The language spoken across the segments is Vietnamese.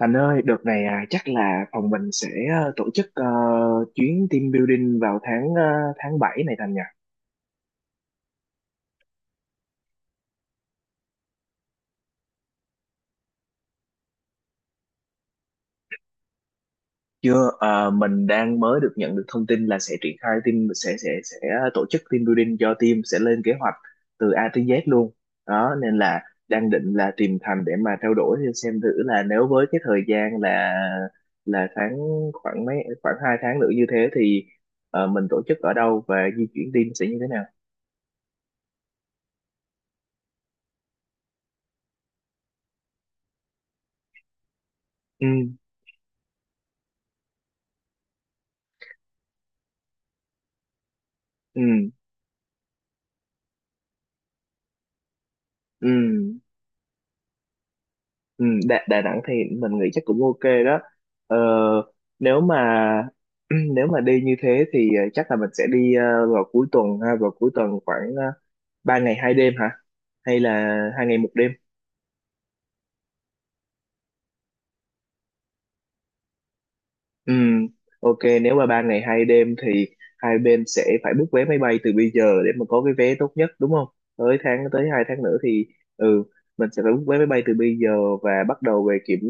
Thành ơi, đợt này, à, chắc là phòng mình sẽ tổ chức, chuyến team building vào tháng, tháng 7 này Thành nhỉ? Chưa, mình đang mới được nhận được thông tin là sẽ triển khai team sẽ tổ chức team building cho team, sẽ lên kế hoạch từ A tới Z luôn. Đó nên là đang định là tìm Thành để mà trao đổi xem thử là nếu với cái thời gian là tháng khoảng mấy, khoảng hai tháng nữa như thế thì, mình tổ chức ở đâu và di chuyển team sẽ như thế nào? Ừ, ừ, ừ. Ừ, Đà Nẵng thì mình nghĩ chắc cũng ok đó. ờ, Nếu mà nếu mà đi như thế thì, chắc là mình sẽ đi, vào cuối tuần, ha, vào cuối tuần khoảng 3 ngày hai đêm hả, hay là hai ngày một đêm? Ừ, ok. Nếu mà ba ngày hai đêm thì hai bên sẽ phải book vé máy bay từ bây giờ để mà có cái vé tốt nhất, đúng không? Tới hai tháng nữa thì, ừ, mình sẽ phải book vé máy bay từ bây giờ và bắt đầu về kiểm,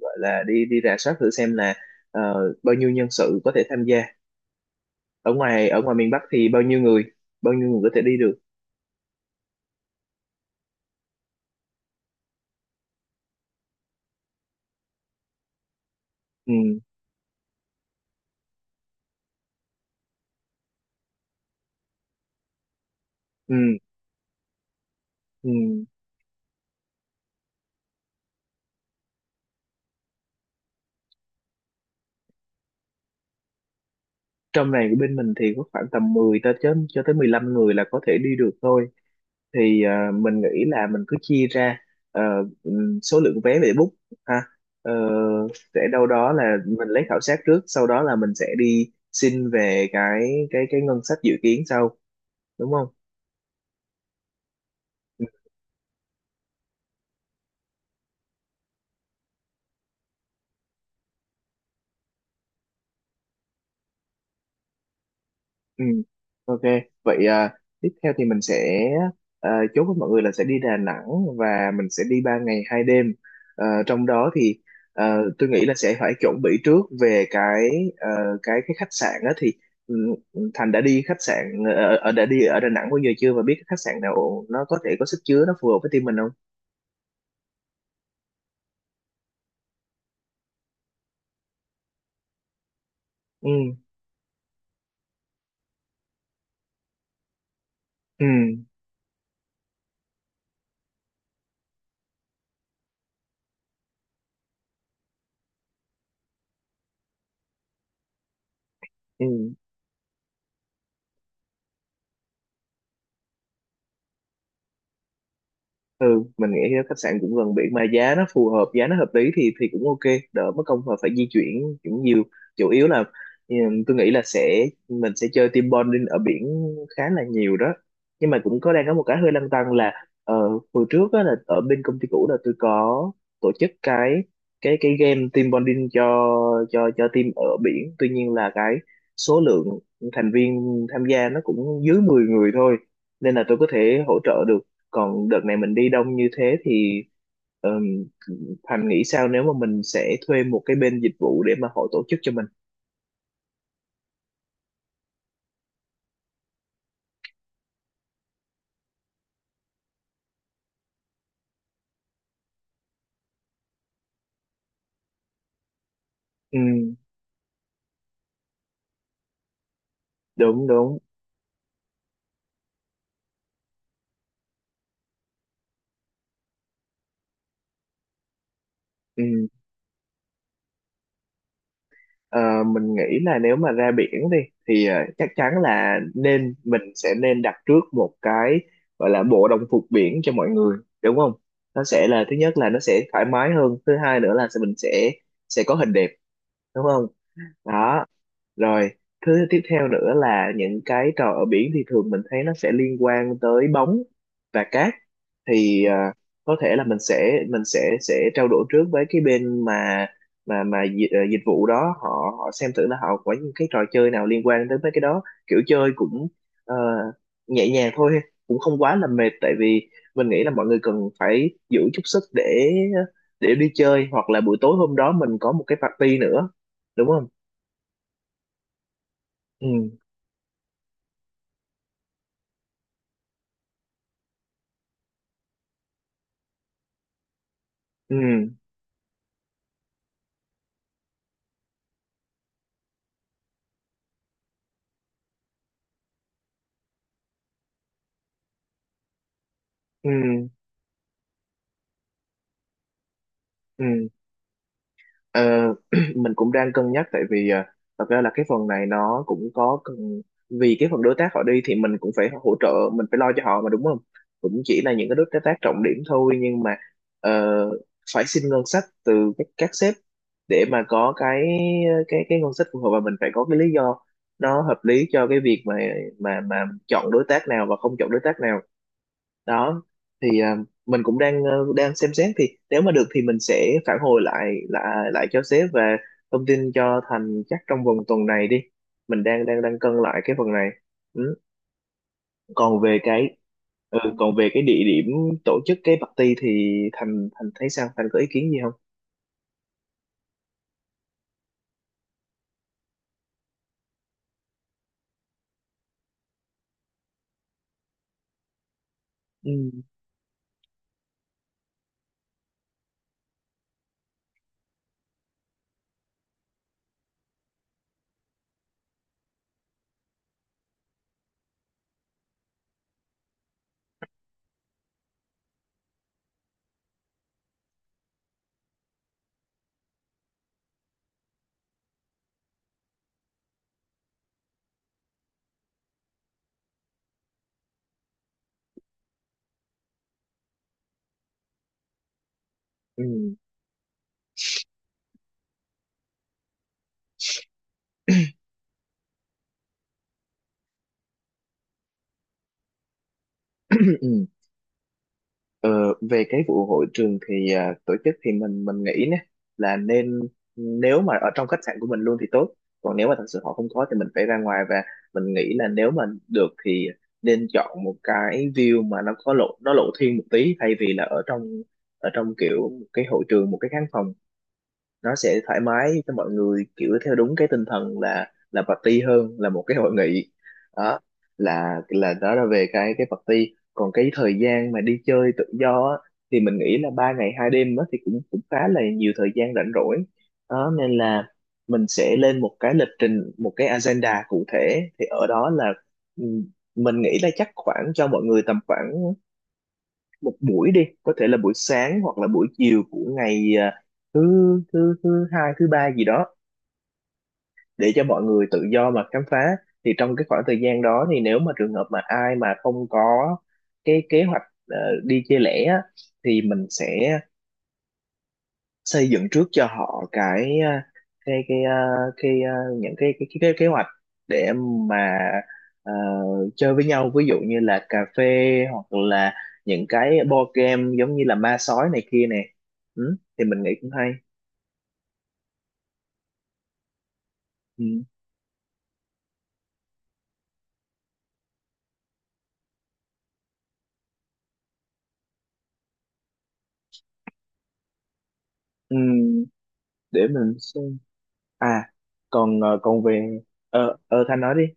gọi là đi đi rà soát thử xem là, bao nhiêu nhân sự có thể tham gia ở ngoài, miền Bắc thì bao nhiêu người, bao nhiêu người có thể đi được. Ừ, ừ, ừ. Trong này của bên mình thì có khoảng tầm 10 tới chớm, cho tới 15 người là có thể đi được thôi, thì, mình nghĩ là mình cứ chia ra, ờ, số lượng vé để book, ha. Ờ, sẽ đâu đó là mình lấy khảo sát trước, sau đó là mình sẽ đi xin về cái ngân sách dự kiến sau, đúng không? Ừ. Ừ, ok. Vậy, tiếp theo thì mình sẽ, chốt với mọi người là sẽ đi Đà Nẵng và mình sẽ đi 3 ngày hai đêm. Ờ, trong đó thì, ờ, tôi nghĩ là sẽ phải chuẩn bị trước về cái, ờ, khách sạn đó thì, ừ, Thành đã đi khách sạn ở, đã đi ở Đà Nẵng bao giờ chưa và biết cái khách sạn nào nó có thể có sức chứa nó phù hợp với team mình không? Ừ, ừ, ừ. Ừ, mình nghĩ thì khách sạn cũng gần biển mà giá nó phù hợp, giá nó hợp lý thì cũng ok, đỡ mất công mà phải di chuyển cũng nhiều. Chủ yếu là, ừ, tôi nghĩ là mình sẽ chơi team bonding ở biển khá là nhiều đó, nhưng mà cũng đang có một cái hơi lăn tăn là, ờ, hồi trước á, là ở bên công ty cũ là tôi có tổ chức cái game team bonding cho team ở biển, tuy nhiên là cái số lượng thành viên tham gia nó cũng dưới 10 người thôi, nên là tôi có thể hỗ trợ được. Còn đợt này mình đi đông như thế thì, ừm, Thành nghĩ sao nếu mà mình sẽ thuê một cái bên dịch vụ để mà họ tổ chức cho mình? Ừ, đúng đúng. Ừ. Ờ, mình nghĩ là nếu mà ra biển đi thì, chắc chắn là nên, mình sẽ nên đặt trước một cái, gọi là bộ đồng phục biển cho mọi người, đúng không? Nó sẽ là thứ nhất là nó sẽ thoải mái hơn, thứ hai nữa là mình sẽ có hình đẹp, đúng không? Đó. Rồi, thứ tiếp theo nữa là những cái trò ở biển thì thường mình thấy nó sẽ liên quan tới bóng và cát. Thì, có thể là mình sẽ trao đổi trước với cái bên mà dịch vụ đó, họ họ xem thử là họ có những cái trò chơi nào liên quan tới mấy cái đó. Kiểu chơi cũng, ờ, nhẹ nhàng thôi, cũng không quá là mệt, tại vì mình nghĩ là mọi người cần phải giữ chút sức để đi chơi, hoặc là buổi tối hôm đó mình có một cái party nữa, đúng không? Ừ. Ừ, ừ, ừ. Ờ, mình cũng đang cân nhắc, tại vì, thật ra là cái phần này nó cũng có cần, vì cái phần đối tác họ đi thì mình cũng phải hỗ trợ, mình phải lo cho họ mà, đúng không? Cũng chỉ là những cái đối tác trọng điểm thôi, nhưng mà, ờ, phải xin ngân sách từ các sếp để mà có cái ngân sách phù hợp, và mình phải có cái lý do nó hợp lý cho cái việc mà mà mà chọn đối tác nào và không chọn đối tác nào. Đó thì, mình cũng đang, đang xem xét, thì nếu mà được thì mình sẽ phản hồi lại lại lại cho sếp và thông tin cho Thành chắc trong vòng tuần này đi. Mình đang đang đang cân lại cái phần này. Ừ. Còn về cái, ừ, còn về cái địa điểm tổ chức cái party thì Thành Thành thấy sao, Thành có ý kiến gì không? Ừ. Ừ. Ờ, về cái vụ hội trường thì, tổ chức thì mình, nghĩ nè là nên, nếu mà ở trong khách sạn của mình luôn thì tốt, còn nếu mà thật sự họ không có thì mình phải ra ngoài. Và mình nghĩ là nếu mà được thì nên chọn một cái view mà nó có lộ, nó lộ thiên một tí, thay vì là ở trong, kiểu một cái hội trường, một cái khán phòng. Nó sẽ thoải mái cho mọi người, kiểu theo đúng cái tinh thần là party hơn là một cái hội nghị. Đó là đó là về cái party. Còn cái thời gian mà đi chơi tự do á, thì mình nghĩ là ba ngày hai đêm đó thì cũng, cũng khá là nhiều thời gian rảnh rỗi đó, nên là mình sẽ lên một cái lịch trình, một cái agenda cụ thể, thì ở đó là, ừ, mình nghĩ là chắc khoảng, cho mọi người tầm khoảng một buổi đi, có thể là buổi sáng hoặc là buổi chiều của ngày, thứ thứ thứ hai, thứ ba gì đó, để cho mọi người tự do mà khám phá. Thì trong cái khoảng thời gian đó thì nếu mà trường hợp mà ai mà không có cái kế hoạch, ờ, đi chơi lẻ á, thì mình sẽ xây dựng trước cho họ cái, cái cái à, cái à, kế hoạch để mà, ờ, chơi với nhau, ví dụ như là cà phê hoặc là những cái board game giống như là ma sói này kia nè. Ừ, thì mình nghĩ cũng hay. Ừ. Ừ, để mình xem. À, còn, còn về, Thanh nói đi.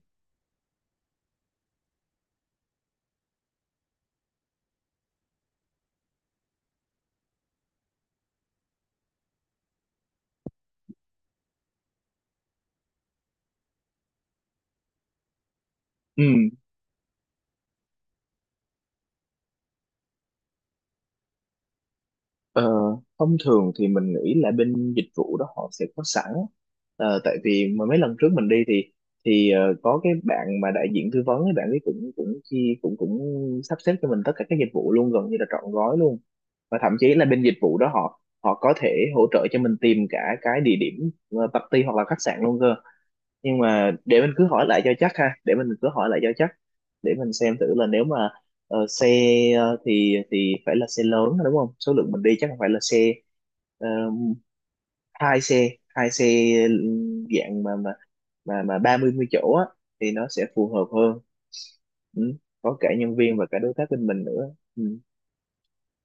Ừ. Ờ, thông thường thì mình nghĩ là bên dịch vụ đó họ sẽ có sẵn. Ờ, tại vì mà mấy lần trước mình đi thì có cái bạn mà đại diện tư vấn ấy, bạn ấy cũng cũng chi cũng cũng sắp xếp cho mình tất cả các dịch vụ luôn, gần như là trọn gói luôn, và thậm chí là bên dịch vụ đó họ họ có thể hỗ trợ cho mình tìm cả cái địa điểm, party hoặc là khách sạn luôn cơ. Nhưng mà để mình cứ hỏi lại cho chắc, ha, để mình cứ hỏi lại cho chắc để mình xem thử là nếu mà, Ờ, xe, thì phải là xe lớn, đúng không? Số lượng mình đi chắc không phải là xe, ờ, hai xe, dạng mà 30 mươi mươi chỗ á thì nó sẽ phù hợp hơn. Ừ. Có cả nhân viên và cả đối tác bên mình nữa. Ừ.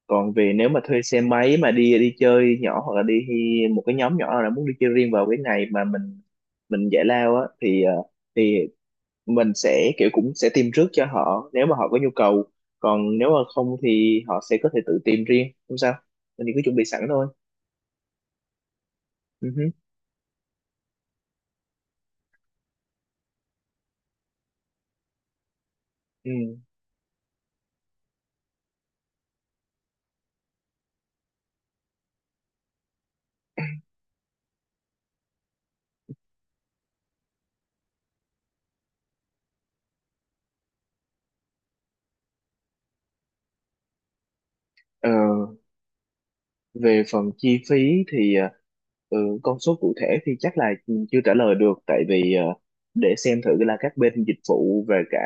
Còn về nếu mà thuê xe máy mà đi đi chơi nhỏ, hoặc là đi một cái nhóm nhỏ nào đó muốn đi chơi riêng vào cái ngày mà mình giải lao á, thì, thì mình sẽ, kiểu cũng sẽ tìm trước cho họ nếu mà họ có nhu cầu, còn nếu mà không thì họ sẽ có thể tự tìm riêng không sao, mình thì cứ chuẩn bị sẵn thôi. Ừ hứ. Ừ. Ờ, về phần chi phí thì, ừ, con số cụ thể thì chắc là chưa trả lời được, tại vì, để xem thử là các bên dịch vụ và cả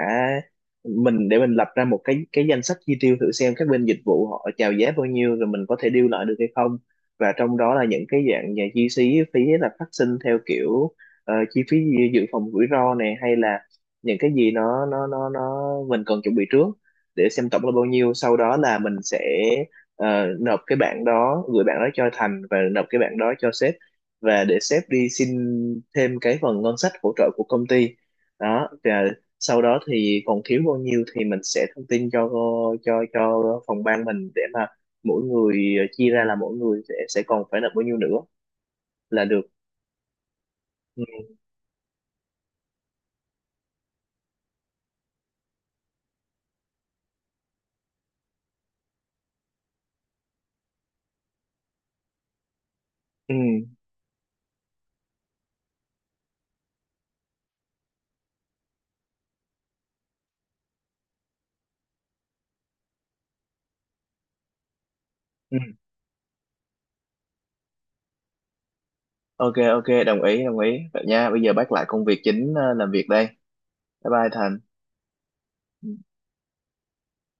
mình, để mình lập ra một cái danh sách chi tiêu, thử xem các bên dịch vụ họ chào giá bao nhiêu rồi mình có thể deal lại được hay không. Và trong đó là những cái dạng nhà chi phí, là phát sinh theo kiểu, chi phí dự dự phòng rủi ro này, hay là những cái gì nó mình cần chuẩn bị trước, để xem tổng là bao nhiêu, sau đó là mình sẽ, ờ, nộp cái bản đó, gửi bản đó cho Thành, và nộp cái bản đó cho sếp, và để sếp đi xin thêm cái phần ngân sách hỗ trợ của công ty. Đó, và sau đó thì còn thiếu bao nhiêu thì mình sẽ thông tin cho phòng ban mình, để mà mỗi người, chia ra là mỗi người sẽ còn phải nộp bao nhiêu nữa là được. Ừ. Ừ. Ừ. Ok, ok, đồng ý, đồng ý vậy nha. Bây giờ bác lại công việc chính, làm việc đây. Bye bye Thành.